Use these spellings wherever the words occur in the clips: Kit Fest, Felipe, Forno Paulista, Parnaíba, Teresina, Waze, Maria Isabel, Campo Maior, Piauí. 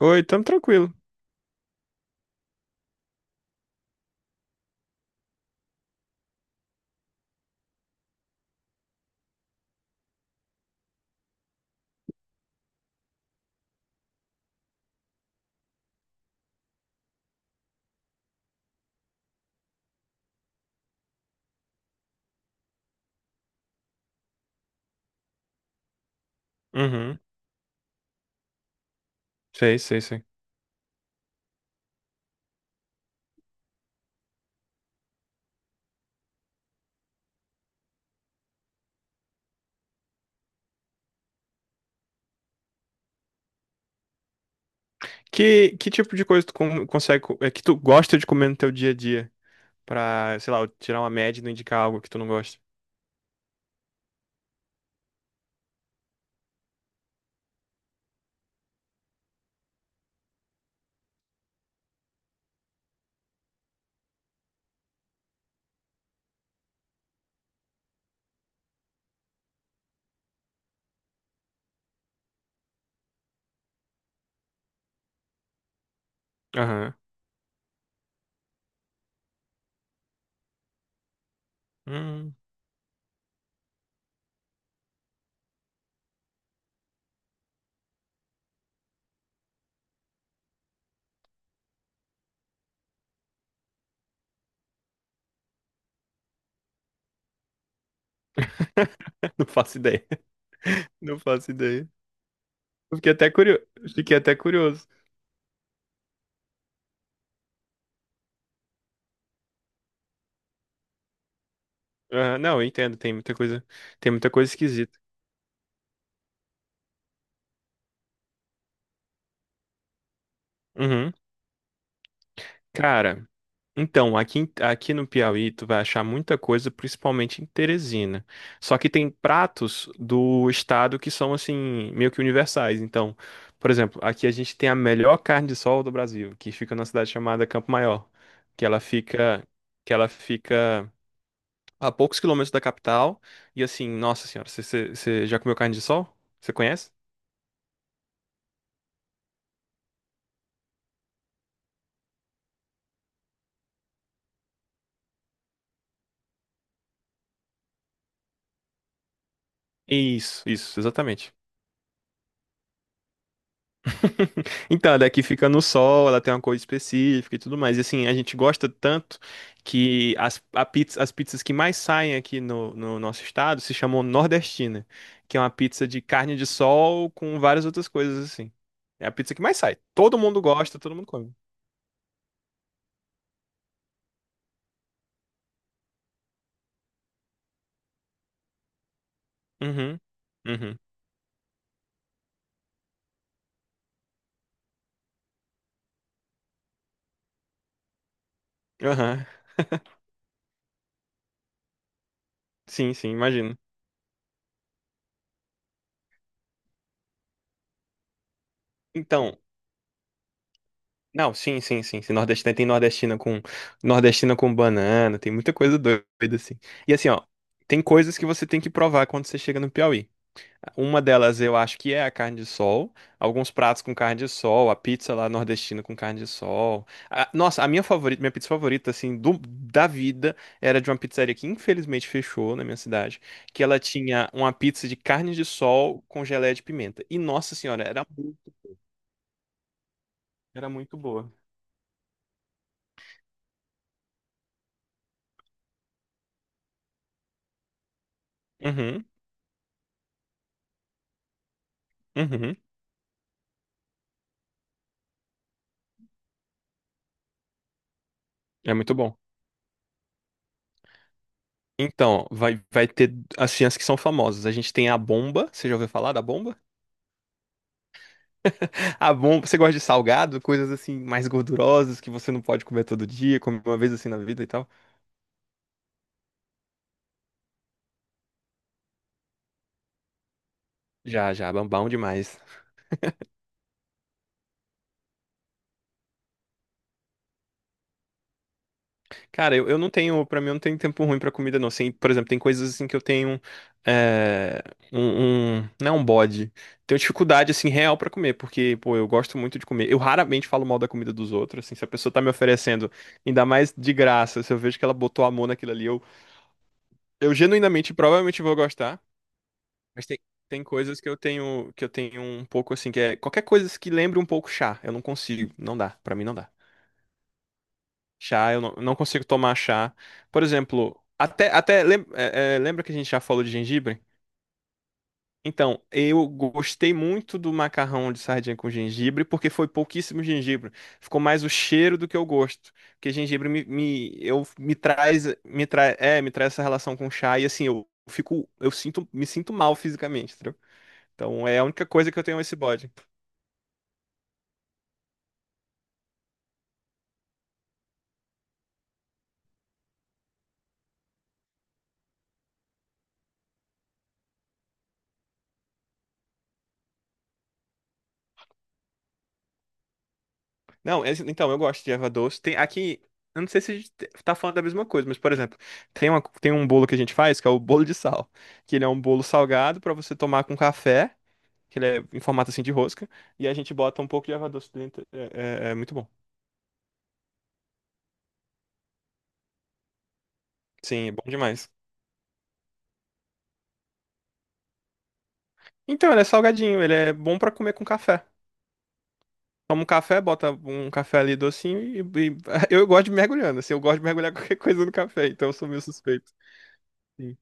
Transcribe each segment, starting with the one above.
Oi, tamo tranquilo. Uhum. Sei, sei, sei. Que tipo de coisa consegue, é que tu gosta de comer no teu dia a dia? Pra, sei lá, eu tirar uma média e não indicar algo que tu não gosta. Aham. Hum. Não faço ideia. Não faço ideia. Eu fiquei até curioso. Fiquei até curioso. Aham. Não, eu entendo, tem muita coisa esquisita. Uhum. Cara, então, aqui, aqui no Piauí, tu vai achar muita coisa, principalmente em Teresina. Só que tem pratos do estado que são, assim, meio que universais. Então, por exemplo, aqui a gente tem a melhor carne de sol do Brasil, que fica numa cidade chamada Campo Maior, que ela fica, que ela fica a poucos quilômetros da capital. E assim, nossa senhora, você já comeu carne de sol? Você conhece? Isso, exatamente. Então, a daqui fica no sol, ela tem uma cor específica e tudo mais. E assim, a gente gosta tanto que a as pizzas que mais saem aqui no nosso estado se chamam nordestina, que é uma pizza de carne de sol com várias outras coisas assim. É a pizza que mais sai. Todo mundo gosta, todo mundo come. Uhum. Uhum. Aham. Sim, sim, imagino. Então, não, sim, sim, sim, sim. Nordestina, tem nordestina com banana, tem muita coisa doida assim. E assim, ó, tem coisas que você tem que provar quando você chega no Piauí. Uma delas eu acho que é a carne de sol, alguns pratos com carne de sol, a pizza lá nordestina com carne de sol. Nossa, a minha favorita, minha pizza favorita assim da vida era de uma pizzaria que infelizmente fechou na minha cidade, que ela tinha uma pizza de carne de sol com geleia de pimenta. E nossa senhora, era muito boa. Uhum, uhum. É muito bom. Então, vai ter assim, as ciências que são famosas. A gente tem a bomba. Você já ouviu falar da bomba? A bomba. Você gosta de salgado? Coisas assim mais gordurosas que você não pode comer todo dia, come uma vez assim na vida e tal. Já, já, bom bom demais. Cara, eu não tenho, pra mim, eu não tenho tempo ruim pra comida, não. Assim, por exemplo, tem coisas assim que eu tenho é, não é um bode. Tenho dificuldade assim real pra comer, porque, pô, eu gosto muito de comer. Eu raramente falo mal da comida dos outros, assim, se a pessoa tá me oferecendo, ainda mais de graça, se eu vejo que ela botou amor naquilo ali, eu genuinamente provavelmente vou gostar, mas tem, tem coisas que eu tenho um pouco assim, que é qualquer coisa que lembre um pouco chá, eu não consigo, não dá, pra mim não dá. Chá, eu não, não consigo tomar chá. Por exemplo, até até lem- é, é, lembra que a gente já falou de gengibre? Então, eu gostei muito do macarrão de sardinha com gengibre, porque foi pouquíssimo gengibre. Ficou mais o cheiro do que o gosto. Porque gengibre me, me, eu, me traz, é, me traz essa relação com chá e assim, eu fico, eu sinto, me sinto mal fisicamente, entendeu? Então, é a única coisa que eu tenho esse bode. Não, então, eu gosto de erva doce. Tem aqui, eu não sei se a gente tá falando da mesma coisa, mas, por exemplo, tem um bolo que a gente faz, que é o bolo de sal, que ele é um bolo salgado para você tomar com café, que ele é em formato assim de rosca, e a gente bota um pouco de erva doce dentro. É muito bom. Sim, é bom demais. Então, ele é salgadinho, ele é bom pra comer com café. Toma um café, bota um café ali docinho eu gosto de mergulhando, assim, eu gosto de mergulhar qualquer coisa no café, então eu sou meio suspeito. Sim.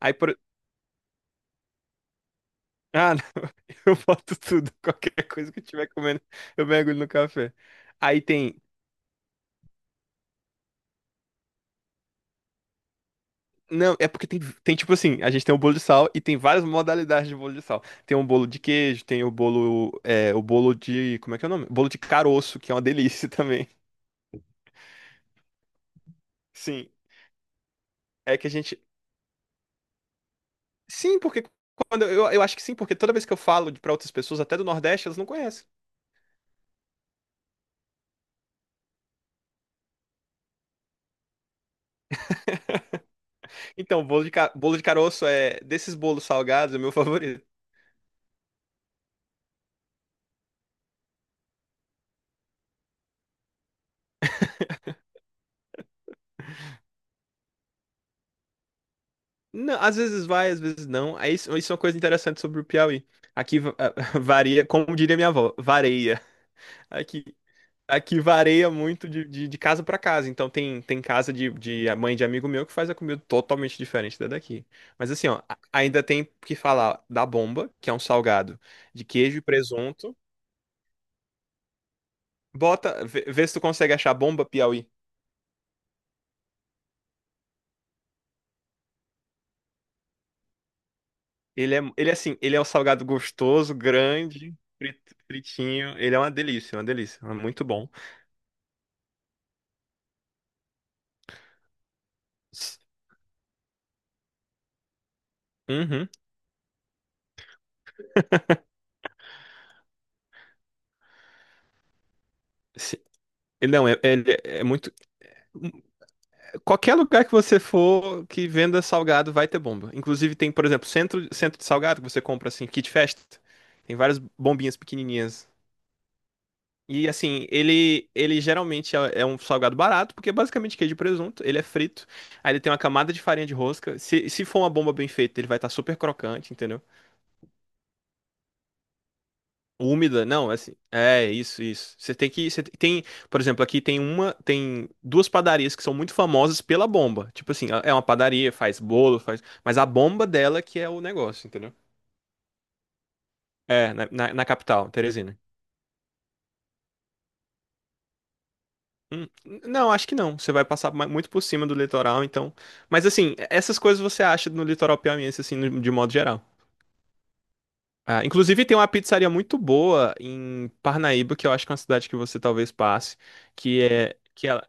Aí por... Ah, eu boto tudo, qualquer coisa que eu estiver comendo, eu mergulho no café. Aí tem. Não, é porque tem, tem tipo assim, a gente tem o bolo de sal e tem várias modalidades de bolo de sal. Tem um bolo de queijo, tem o bolo de, como é que é o nome? Bolo de caroço, que é uma delícia também. Sim, é que a gente, sim, porque quando eu acho que sim, porque toda vez que eu pra outras pessoas, até do Nordeste, elas não conhecem. Então, bolo de caroço é desses bolos salgados é o meu favorito. Não, às vezes vai, às vezes não. Aí isso é uma coisa interessante sobre o Piauí. Aqui varia, como diria minha avó, vareia. Aqui. Aqui varia muito de casa para casa. Então tem, tem casa de a mãe de amigo meu que faz a comida totalmente diferente da daqui. Mas assim, ó, ainda tem que falar da bomba, que é um salgado de queijo e presunto. Bota, vê se tu consegue achar bomba Piauí. Ele é assim, ele é um salgado gostoso, grande, fritinho. Ele é uma delícia, uma delícia. É muito bom. S- Uhum. Se- Não, é, ele é muito. Qualquer lugar que você for que venda salgado vai ter bomba. Inclusive tem, por exemplo, centro de salgado que você compra assim, Kit Fest. Tem várias bombinhas pequenininhas. E assim, ele geralmente é um salgado barato, porque é basicamente queijo e presunto, ele é frito. Aí ele tem uma camada de farinha de rosca. Se for uma bomba bem feita, ele vai estar super crocante, entendeu? Úmida, não, é assim, é isso, isso. Você tem, por exemplo, aqui tem duas padarias que são muito famosas pela bomba. Tipo assim, é uma padaria, faz bolo, faz, mas a bomba dela que é o negócio, entendeu? É, na capital, Teresina. Hum, não, acho que não. Você vai passar muito por cima do litoral, então. Mas assim, essas coisas você acha no litoral piauiense, assim, de modo geral. Ah, inclusive tem uma pizzaria muito boa em Parnaíba, que eu acho que é uma cidade que você talvez passe, que é que ela,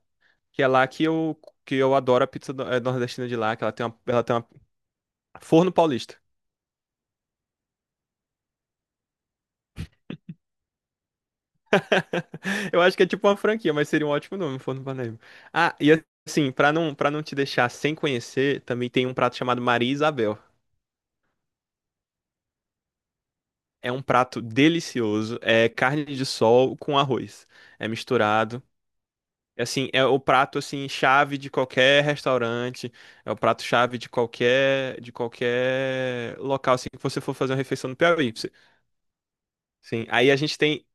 que é lá que eu adoro a pizza nordestina de lá, que ela tem uma Forno Paulista. Eu acho que é tipo uma franquia, mas seria um ótimo nome, Forno Paulista. Ah, e assim, pra não, para não te deixar sem conhecer, também tem um prato chamado Maria Isabel. É um prato delicioso, é carne de sol com arroz. É misturado. É assim, é o prato assim chave de qualquer restaurante, é o prato chave de qualquer local assim que você for fazer uma refeição no Piauí. Sim, aí a gente tem.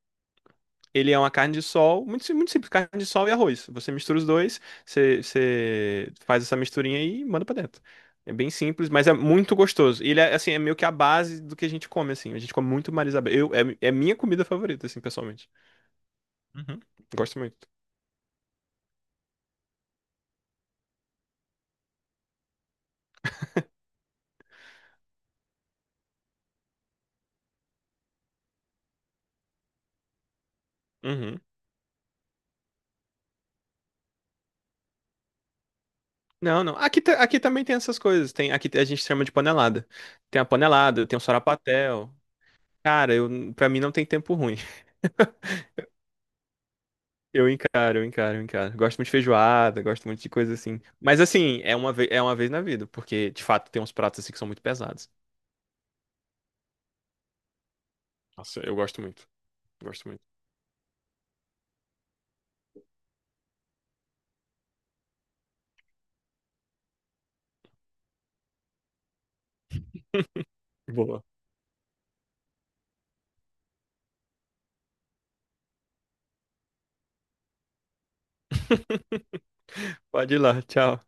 Ele é uma carne de sol, muito simples, carne de sol e arroz. Você mistura os dois, você faz essa misturinha aí e manda pra dentro. É bem simples, mas é muito gostoso. E ele é, assim, é meio que a base do que a gente come, assim. A gente come muito Marisabel. É minha comida favorita, assim, pessoalmente. Uhum. Gosto muito. Uhum. Não, não. Aqui, aqui também tem essas coisas. Tem, aqui a gente chama de panelada. Tem a panelada, tem o sarapatel. Cara, eu, pra mim não tem tempo ruim. Eu encaro, eu encaro, eu encaro. Gosto muito de feijoada, gosto muito de coisa assim. Mas assim, é uma vez na vida, porque de fato tem uns pratos assim que são muito pesados. Nossa, eu gosto muito. Gosto muito. Boa. Pode ir lá, tchau.